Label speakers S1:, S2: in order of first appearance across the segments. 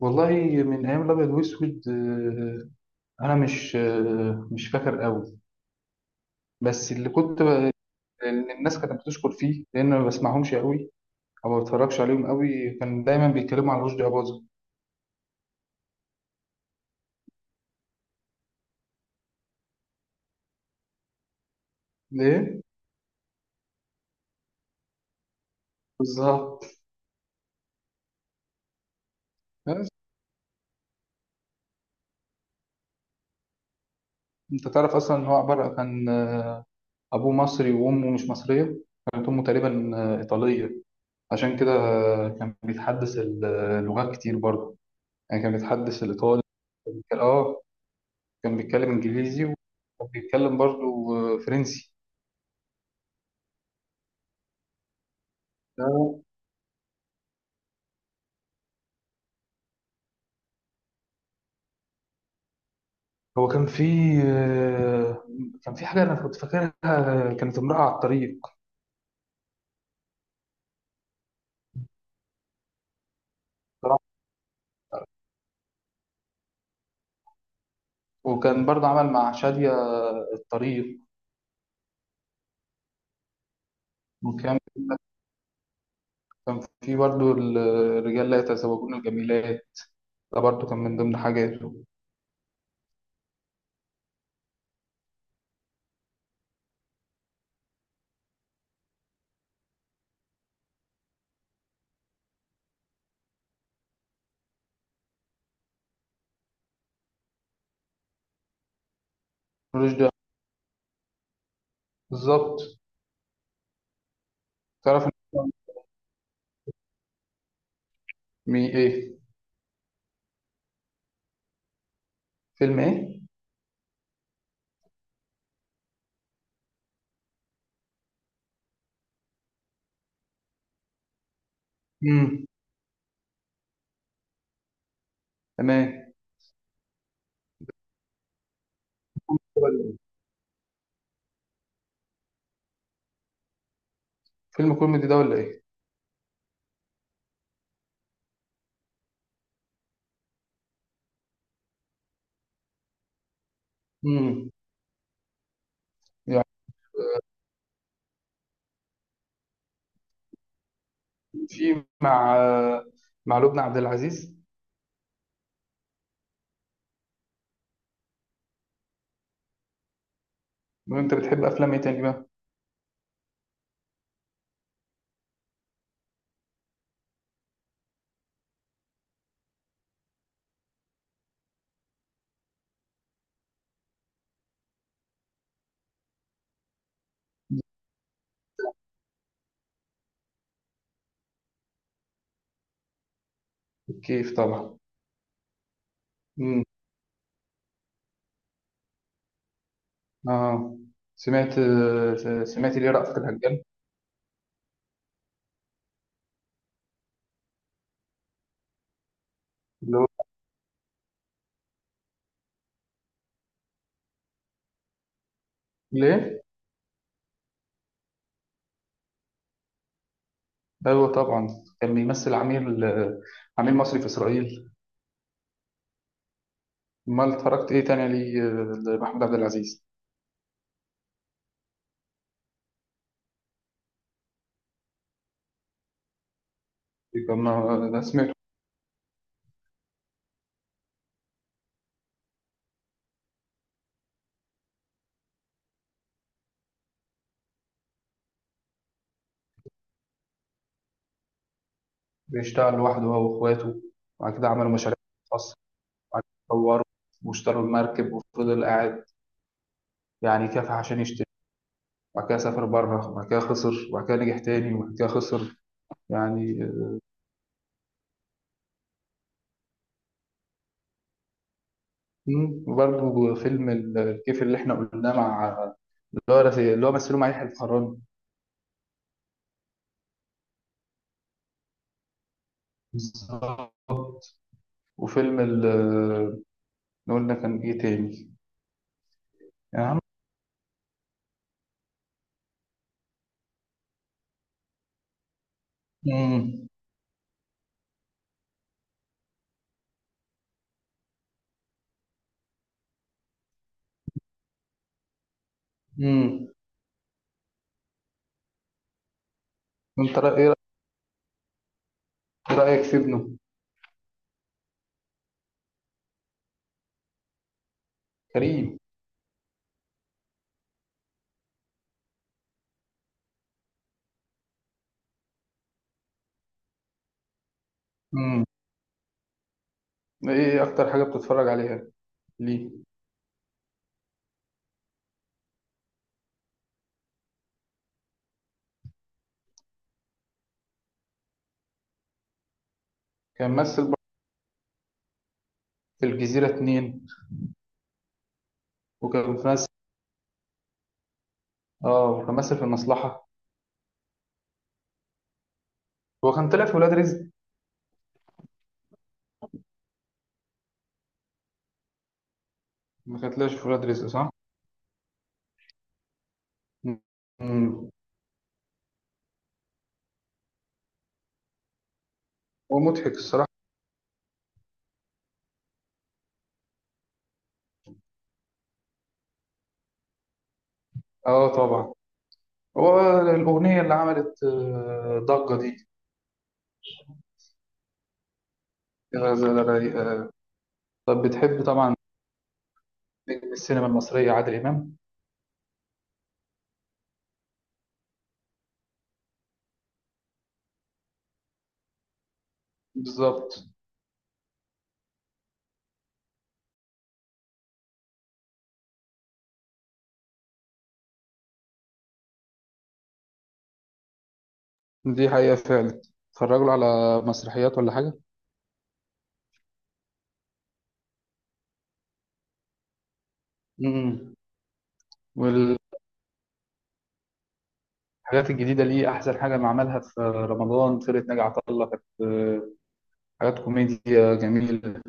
S1: والله، من ايام الابيض واسود. انا مش مش فاكر قوي. بس اللي كنت ب... إن الناس كانت بتشكر فيه لان ما بسمعهمش قوي او ما بتفرجش عليهم قوي، كان دايما بيتكلموا عن رشدي اباظه. ليه؟ بالظبط. بس انت تعرف اصلا ان هو عباره، كان ابوه مصري وامه مش مصريه. كانت امه تقريبا ايطاليه. عشان كده كان بيتحدث اللغات كتير برضه. يعني كان بيتحدث الايطالي. اه. كان بيتكلم انجليزي وكان بيتكلم برضو فرنسي. آه، هو كان في، آه، كان في حاجه انا كنت فاكرها، كانت امراه على الطريق. صراحة. وكان برضو عمل مع شاديه الطريق. وكان، كان في برضو الرجال لا يتزوجون الجميلات، ده برضو كان من ضمن حاجاته. رشدي، بالظبط. تعرف إن- مي ايه؟ فيلم ايه؟ امم، تمام. فيلم كوميدي ده ولا ايه؟ امم. يعني في مع، مع لبنى عبد العزيز. لو انت بتحب افلام ايه تاني بقى؟ كيف طبعا. امم. اه، سمعت، سمعت ليه رأفت الهجان. اللي هو، ليه؟ ايوه طبعا. كان بيمثل عميل، عميل مصري في اسرائيل. امال اتفرجت ايه تاني ليه لمحمود عبد العزيز؟ كان، انا سمعته. بيشتغل لوحده هو واخواته، وبعد كده عملوا مشاريع خاصة، وبعد كده طوروا واشتروا المركب وفضل قاعد. يعني كافح عشان يشتري، وبعد كده سافر بره وبعد كده خسر وبعد كده نجح تاني وبعد كده خسر. يعني، مم. وبرضه فيلم الكيف اللي احنا قلناه مع، اللي هو مثله مع يحيى الفخراني. بالظبط. وفيلم اللي قلنا، كان ايه تاني؟ يا عم. مم. مم. انت إيه رأيك في ابنه كريم؟ مم. ايه اكتر حاجة بتتفرج عليها ليه؟ كان ممثل برضه في الجزيرة اتنين، وكان في ممثل، اه وكان ممثل في المصلحة. هو كان طلع في ولاد رزق. ما كان طلعش في ولاد رزق، صح. مم. هو مضحك الصراحة. اه طبعا. هو الأغنية اللي عملت ضجة دي. يا غزالة رايقة. طب بتحب طبعا نجم السينما المصرية عادل إمام. بالظبط. دي حقيقة فعلا. اتفرجوا له على مسرحيات ولا حاجة؟ مم. والحاجات الجديدة ليه أحسن حاجة ما عملها في رمضان، فرقة ناجي عطا الله، كانت حاجات كوميديا جميلة.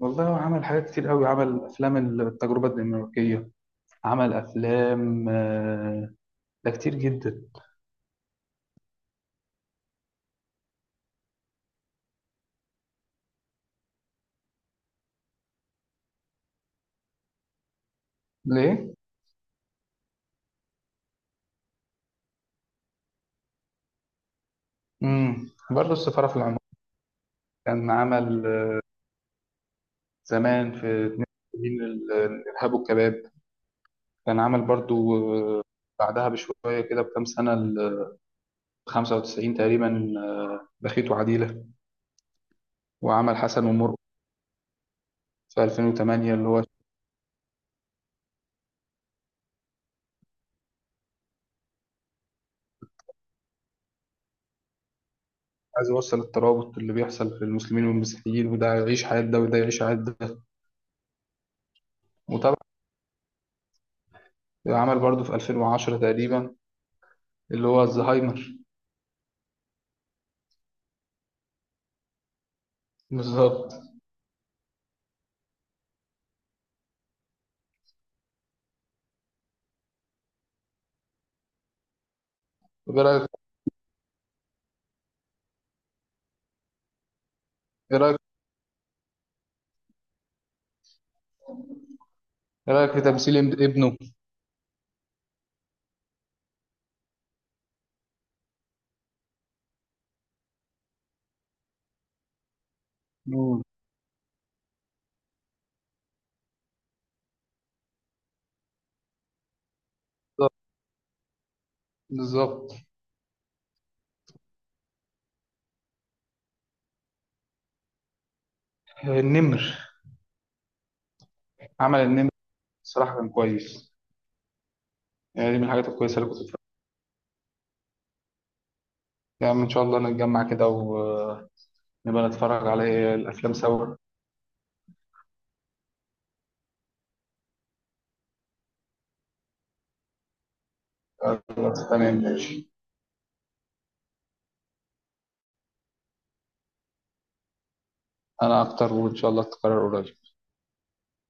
S1: والله هو عمل حاجات كتير قوي، عمل أفلام التجربة الدنماركية، عمل أفلام ده كتير جدا. ليه؟ مم. برضه السفارة في العمر. كان عمل زمان في 72 الإرهاب والكباب. كان عمل برضو آه، بعدها بشوية كده بكام سنة، ال 95 تقريبا، بخيت وعديلة. وعمل حسن ومرقص في 2008، اللي هو عايز يوصل الترابط اللي بيحصل في المسلمين والمسيحيين، وده يعيش حياة ده وده يعيش حياة ده. وطبعا عمل برضو في 2010 تقريبا اللي هو الزهايمر. بالظبط. طب ايه رأيك؟ ايه رأيك؟ ايه رأيك في تمثيل ابنه؟ مم. بالظبط. بالظبط. النمر. عمل النمر، الصراحة كان كويس. يعني دي من الحاجات الكويسة اللي كنت بتفرج. يعني إن شاء الله نتجمع كده ونبقى نتفرج على الأفلام سوا. خلاص، تمام ماشي. أنا أكتر، وإن شاء الله تتكرر قريب.